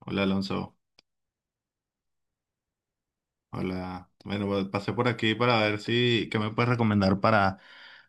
Hola Alonso, hola. Bueno, pues, pasé por aquí para ver si, qué me puedes recomendar para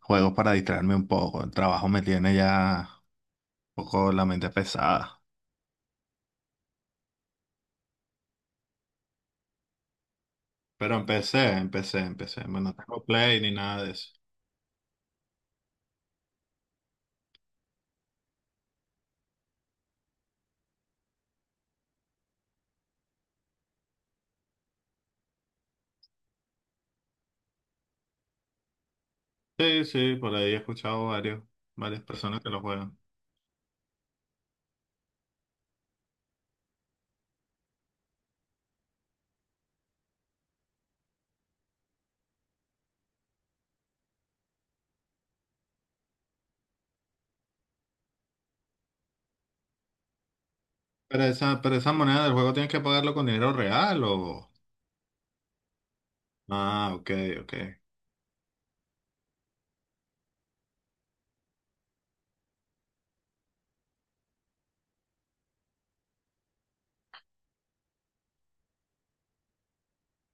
juegos para distraerme un poco. El trabajo me tiene ya un poco la mente pesada. Pero empecé. Bueno, no tengo play ni nada de eso. Sí, sí, por ahí he escuchado varias personas que lo juegan. Pero esa moneda del juego tienes que pagarlo con dinero real o... Ah, ok, ok.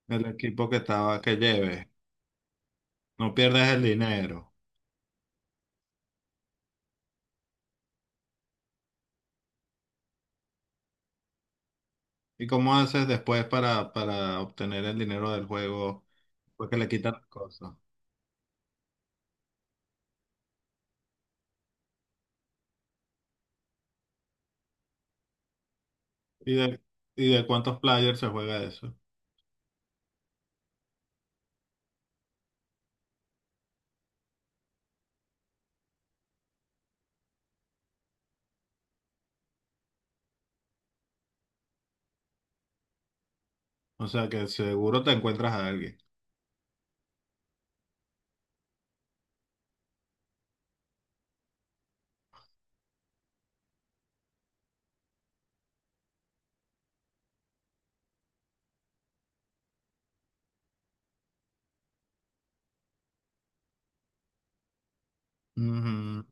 El equipo que estaba, que lleve. No pierdes el dinero. ¿Y cómo haces después para obtener el dinero del juego? Porque le quitan las cosas. ¿Y de, ¿Y de cuántos players se juega eso? O sea que seguro te encuentras a alguien. Ujú.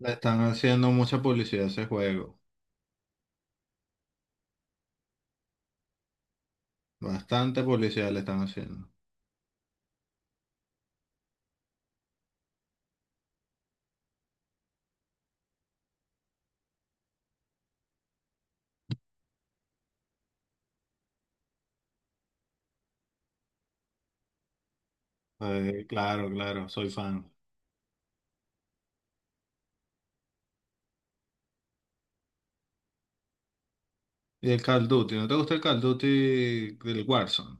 Le están haciendo mucha publicidad a ese juego. Bastante publicidad le están haciendo. Claro, claro, soy fan. ¿Y el Call of Duty? ¿No te gusta el Call of Duty del Warzone?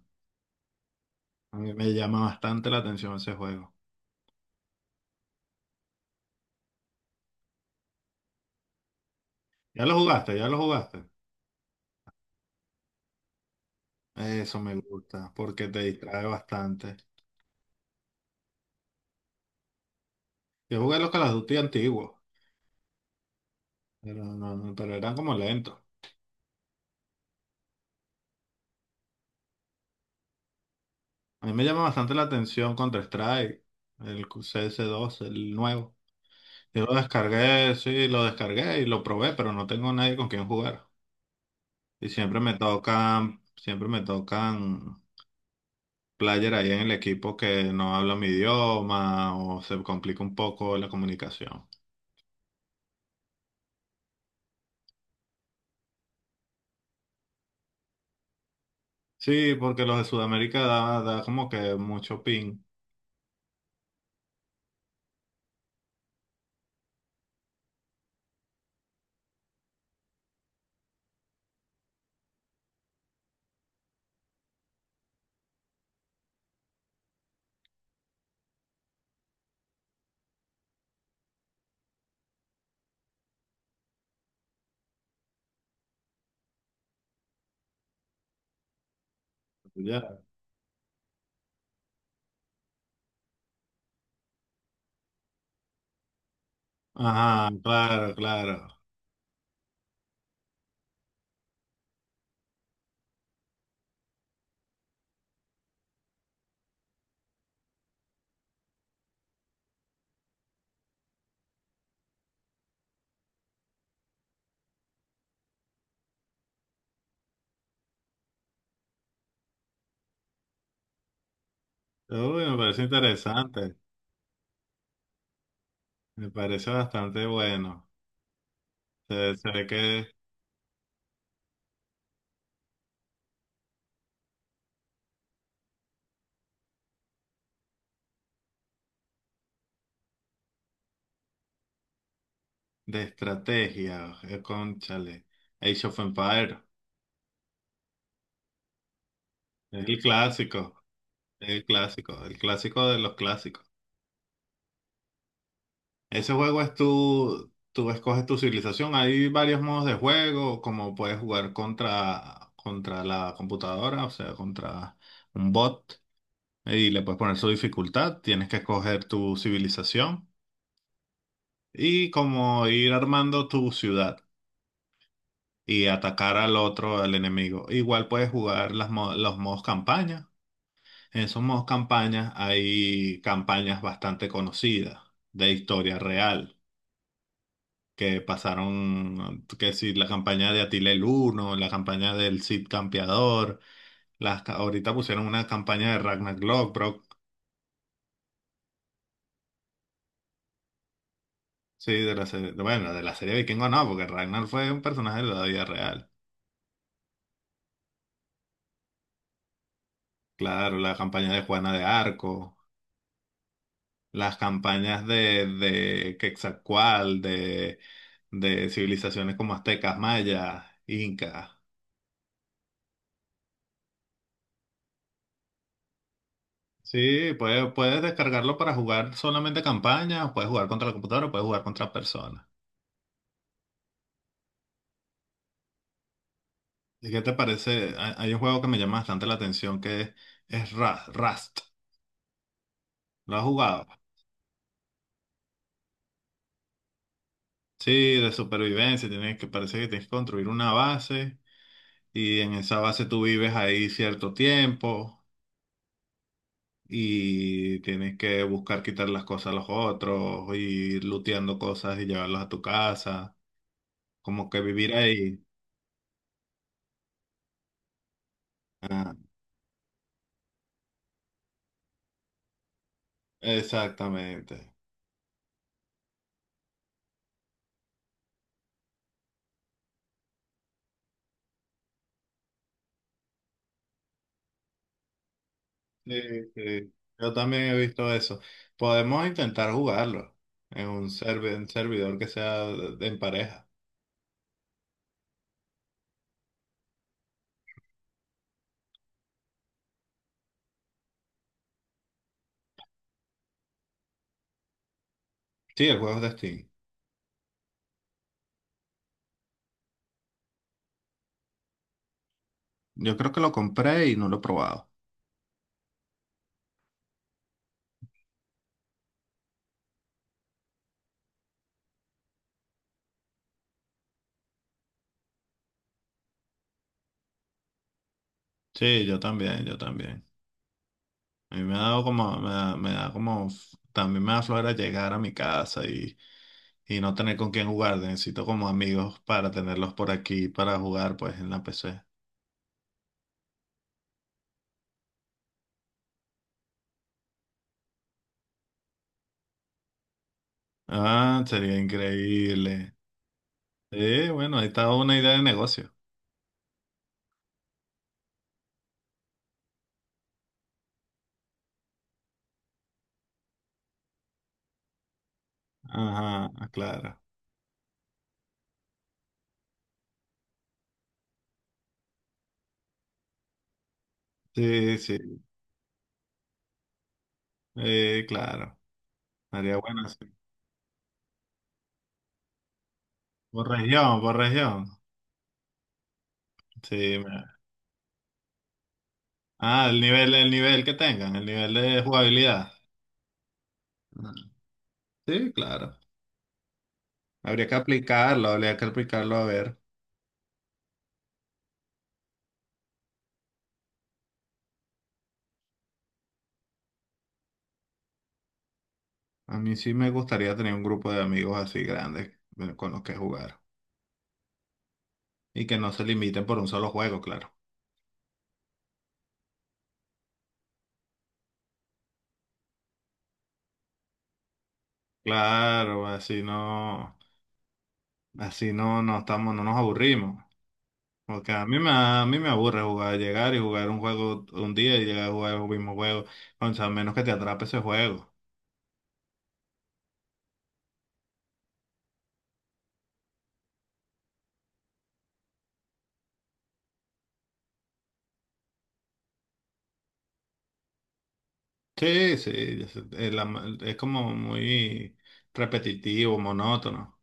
A mí me llama bastante la atención ese juego. ¿Ya lo jugaste? ¿Ya lo jugaste? Eso me gusta, porque te distrae bastante. Yo jugué los Call of Duty antiguos, pero, pero eran como lentos. A mí me llama bastante la atención Counter-Strike, el CS2, el nuevo. Yo lo descargué, sí, lo descargué y lo probé, pero no tengo nadie con quien jugar. Y siempre me tocan player ahí en el equipo que no habla mi idioma o se complica un poco la comunicación. Sí, porque los de Sudamérica da como que mucho ping. Ya. Ajá, claro, claro. Uy, me parece interesante. Me parece bastante bueno. Se ve que de estrategia, cónchale. Age of Empires, es el clásico, el clásico, el clásico de los clásicos. Ese juego es tú escoges tu civilización. Hay varios modos de juego, como puedes jugar contra la computadora, o sea, contra un bot, y le puedes poner su dificultad. Tienes que escoger tu civilización y como ir armando tu ciudad y atacar al otro, al enemigo. Igual puedes jugar las los modos campaña. En esos modos campaña hay campañas bastante conocidas de historia real que pasaron, que si la campaña de Atila el Uno, la campaña del Cid Campeador, las, ahorita pusieron una campaña de Ragnar Lothbrok, sí, de la serie, bueno, de la serie Vikingo no, porque Ragnar fue un personaje de la vida real. Claro, la campaña de Juana de Arco, las campañas de Quetzalcóatl, de civilizaciones como aztecas, mayas, incas. Sí, puedes descargarlo para jugar solamente campañas, o puedes jugar contra la computadora, o puedes jugar contra personas. ¿Y qué te parece? Hay un juego que me llama bastante la atención es Rust. ¿Lo has jugado? Sí, de supervivencia, parece que tienes que construir una base y en esa base tú vives ahí cierto tiempo y tienes que buscar quitar las cosas a los otros, y ir looteando cosas y llevarlas a tu casa, como que vivir ahí. Ah, exactamente. Sí, sí. Yo también he visto eso. Podemos intentar jugarlo en un en servidor que sea en pareja. Sí, el juego es de Steam. Yo creo que lo compré y no lo he probado. Sí, yo también, yo también. A mí me ha dado como, me da como, también me da flojera llegar a mi casa y no tener con quién jugar. Necesito como amigos para tenerlos por aquí para jugar pues en la PC. Ah, sería increíble. Bueno, ahí está una idea de negocio. Ajá, claro. Sí, sí, claro. Haría bueno sí. Por región, por región. Sí, ah, el nivel que tengan, el nivel de jugabilidad. Ah, sí, claro. Habría que aplicarlo a ver. A mí sí me gustaría tener un grupo de amigos así grandes con los que jugar. Y que no se limiten por un solo juego, claro. Claro, así no, no estamos, no nos aburrimos. Porque a mí me aburre jugar, llegar y jugar un juego un día y llegar a jugar el mismo juego. O sea, a menos que te atrape ese juego. Sí, sí, es es como muy repetitivo, monótono.